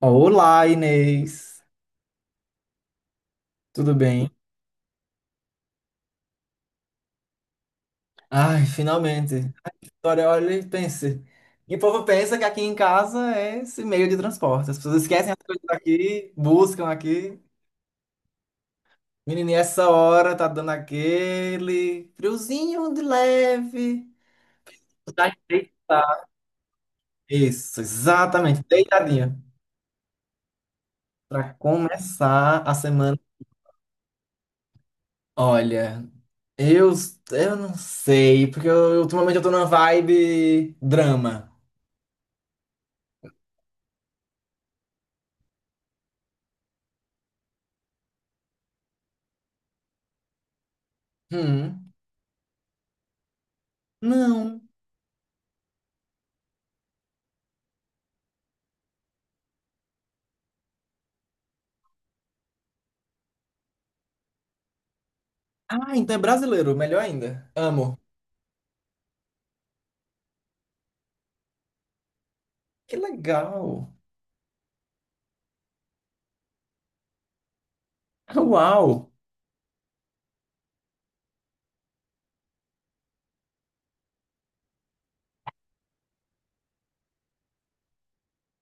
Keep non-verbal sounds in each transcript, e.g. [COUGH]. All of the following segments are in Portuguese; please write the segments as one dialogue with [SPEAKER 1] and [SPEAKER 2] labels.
[SPEAKER 1] Olá, Inês. Tudo bem? Ai, finalmente. Olha, olha e pense. E o povo pensa que aqui em casa é esse meio de transporte. As pessoas esquecem as coisas daqui, buscam aqui. Menininha, essa hora tá dando aquele friozinho de leve. Tá deitado. Isso, exatamente. Deitadinha. Pra começar a semana. Olha, eu, eu não sei, porque ultimamente eu tô numa vibe drama. Hum. Não. Ah, então é brasileiro, melhor ainda. Amo. Que legal. Uau.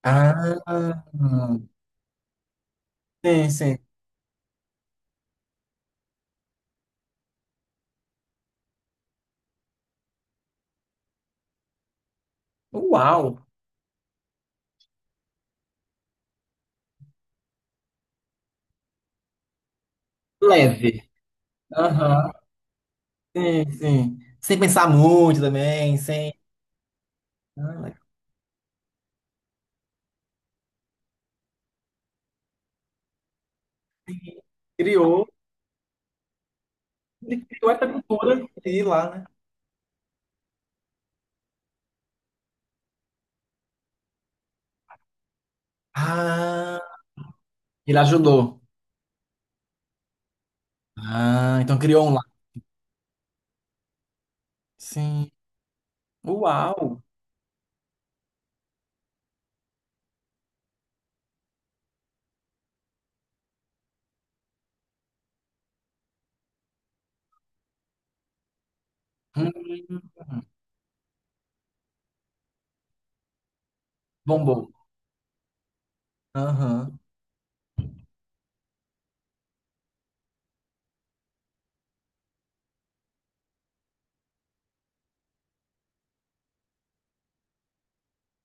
[SPEAKER 1] Ah, sim, sim. Uau. Leve. Aham. Sim, sim. Sem pensar muito também, sem. Ah, legal. Criou, ele criou essa cultura de ir lá, né? Ah, ele ajudou. Ah, então criou um lá. Sim. Uau. Hum. Bombou. Aham.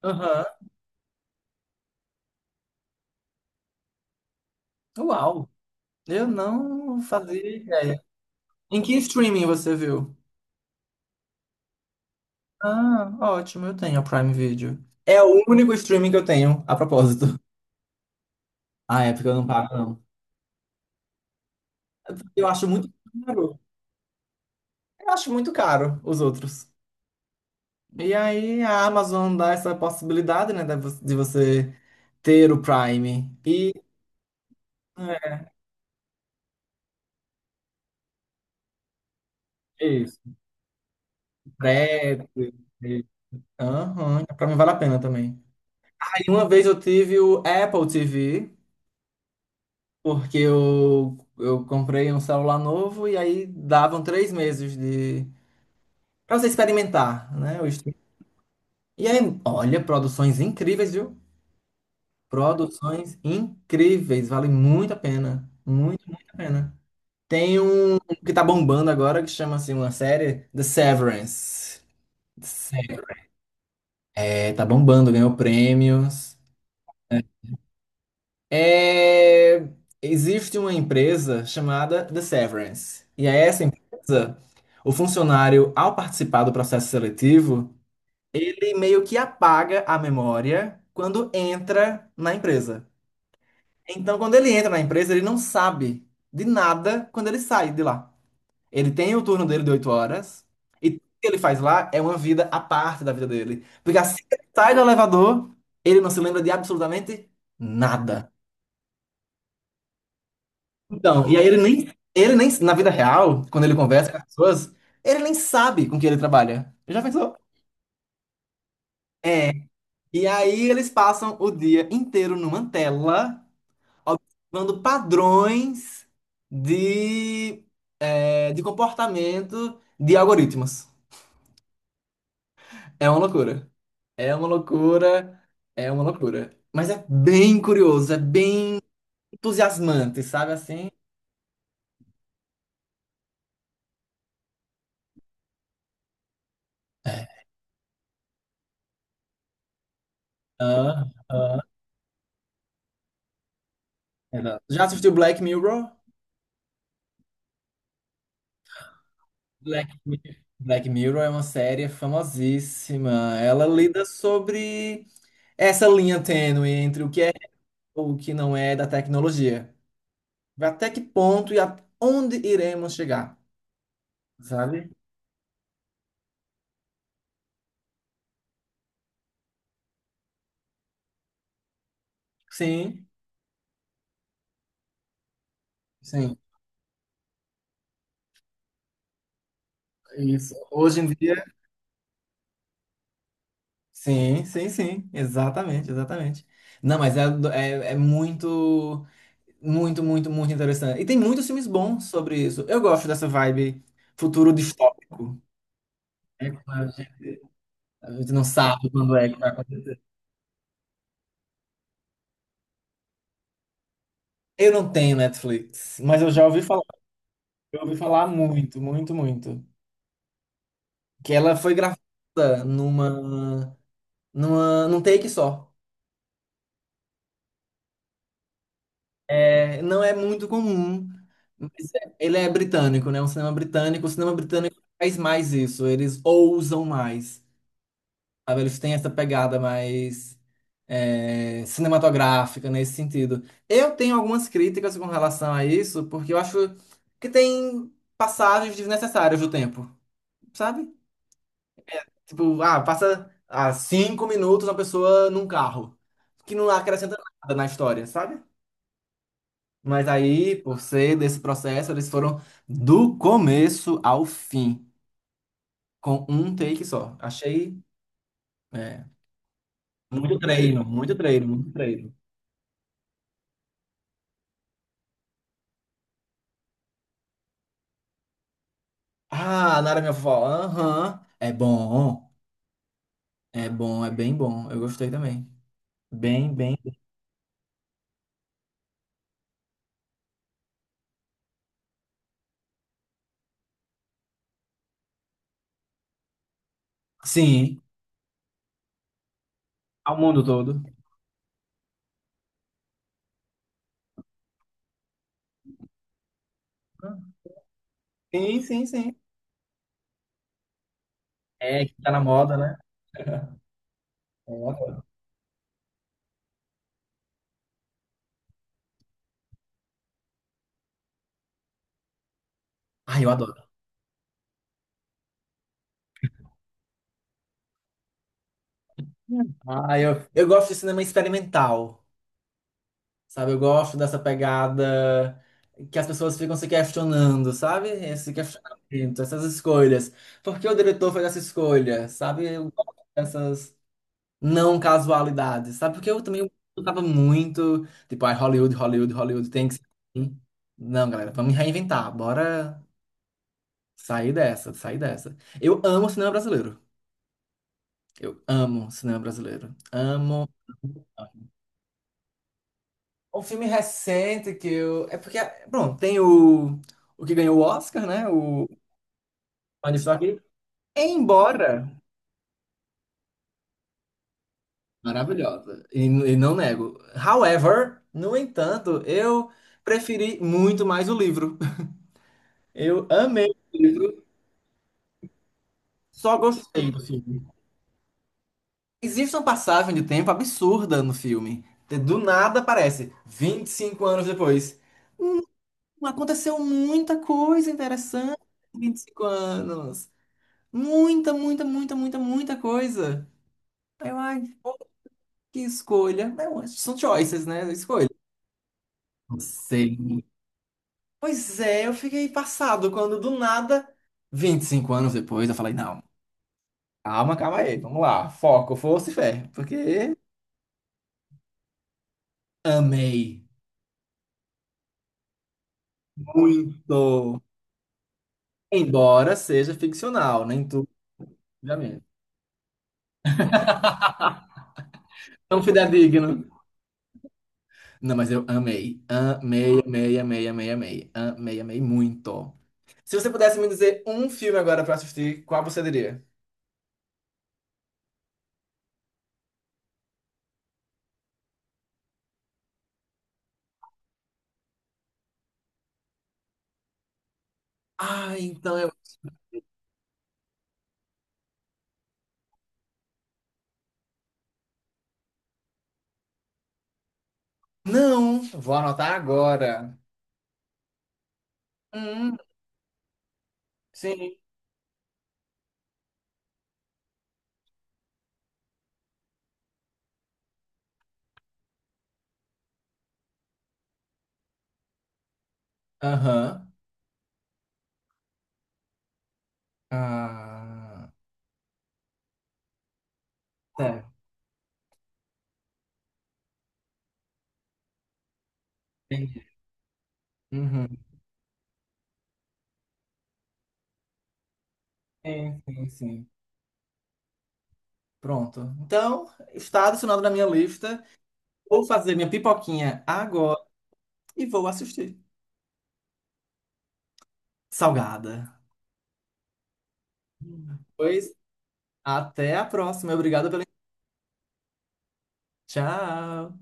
[SPEAKER 1] Aham. Uau. Eu não fazia ideia. Em que streaming você viu? Ah, ótimo, eu tenho a Prime Video. É o único streaming que eu tenho, a propósito. Ah, é porque eu não pago, não. Eu acho muito caro. Eu acho muito caro os outros. E aí a Amazon dá essa possibilidade, né, de você ter o Prime. E é isso, frete. e- Aham, pra mim vale a pena também. Aí uma vez eu tive o Apple TV. Porque eu comprei um celular novo e aí davam três meses de para você experimentar, né? O stream. E aí, olha, produções incríveis, viu? Produções incríveis, vale muito a pena, muito, muito a pena. Tem um que tá bombando agora que chama assim, uma série, The Severance. Se- É, tá bombando, ganhou prêmios. É, existe uma empresa chamada The Severance. E a essa empresa, o funcionário, ao participar do processo seletivo, ele meio que apaga a memória quando entra na empresa. Então, quando ele entra na empresa, ele não sabe de nada quando ele sai de lá. Ele tem o turno dele de 8 horas e tudo que ele faz lá é uma vida à parte da vida dele. Porque assim que ele sai do elevador, ele não se lembra de absolutamente nada. Então, e aí ele nem, na vida real, quando ele conversa com as pessoas, ele nem sabe com que ele trabalha. Já pensou? É. E aí eles passam o dia inteiro numa tela, observando padrões de, de comportamento de algoritmos. É uma loucura. É uma loucura. É uma loucura. Mas é bem curioso, é bem entusiasmante, sabe assim? Ah, é não. Já assistiu Black Mirror? Black, Mi- Black Mirror é uma série famosíssima. Ela lida sobre essa linha tênue entre o que é e o que não é da tecnologia. Até que ponto e aonde iremos chegar, sabe? Sim, sim. Isso. Hoje em dia, sim, sim, sim. Exatamente, exatamente. Não, mas é muito, muito, muito, muito interessante. E tem muitos filmes bons sobre isso. Eu gosto dessa vibe futuro distópico. A gente não sabe quando é que vai acontecer. Eu não tenho Netflix, mas eu já ouvi falar. Eu ouvi falar muito, muito, muito. Que ela foi gravada num take só. É, não é muito comum, mas ele é britânico, né? Um cinema britânico. O cinema britânico faz mais isso. Eles ousam mais. Sabe? Eles têm essa pegada mais cinematográfica nesse sentido. Eu tenho algumas críticas com relação a isso, porque eu acho que tem passagens desnecessárias do tempo, sabe? Tipo, ah, passa 5 minutos uma pessoa num carro, que não acrescenta nada na história, sabe? Mas aí, por ser desse processo, eles foram do começo ao fim, com um take só. Achei, é, muito treino, muito treino, muito treino. Ah, Nara minha vovó. Aham. É bom. É bom, é bem bom. Eu gostei também. Bem, bem. Sim. Ao mundo todo. Sim, sim, sim. É, que tá na moda, né? Eu adoro. Ah, eu adoro. Ah, eu gosto de cinema experimental, sabe? Eu gosto dessa pegada que as pessoas ficam se questionando, sabe? Esse questionamento, essas escolhas. Por que o diretor fez essa escolha, sabe? Eu gosto dessas. Não casualidades, sabe? Porque eu também tava muito, tipo, ai, Hollywood, Hollywood, Hollywood, tem que ser assim. Não, galera, vamos reinventar, bora sair dessa, sair dessa. Eu amo cinema brasileiro. Eu amo cinema brasileiro. Amo. Um filme recente que eu. É porque, pronto, tem o que ganhou o Oscar, né? O Manifesto aqui. Embora. Maravilhosa. E não nego. However, no entanto, eu preferi muito mais o livro. Eu amei o livro, só gostei do filme. Existe uma passagem de tempo absurda no filme. Do nada aparece, 25 anos depois. Aconteceu muita coisa interessante em 25 anos. Muita, muita, muita, muita, muita coisa. Eu, ai, pô, que escolha. Não, são choices, né? Escolha. Não. Pois é, eu fiquei passado quando do nada, 25 anos depois, eu falei, não, calma, calma aí, vamos lá, foco, força e fé, porque amei. Muito. Embora seja ficcional, nem tudo, obviamente. [LAUGHS] Não fidedigno. Não, mas eu amei. Amei, amei, amei, amei, amei. Amei, amei muito. Se você pudesse me dizer um filme agora pra assistir, qual você diria? Ah, então eu. Não, vou anotar agora. Hum, sim. Aham. Ah, tá. Entendi. Uhum. Sim, sim, sim. Pronto. Então, está adicionado na minha lista. Vou fazer minha pipoquinha agora e vou assistir. Salgada. Pois até a próxima. Obrigado pela. Tchau.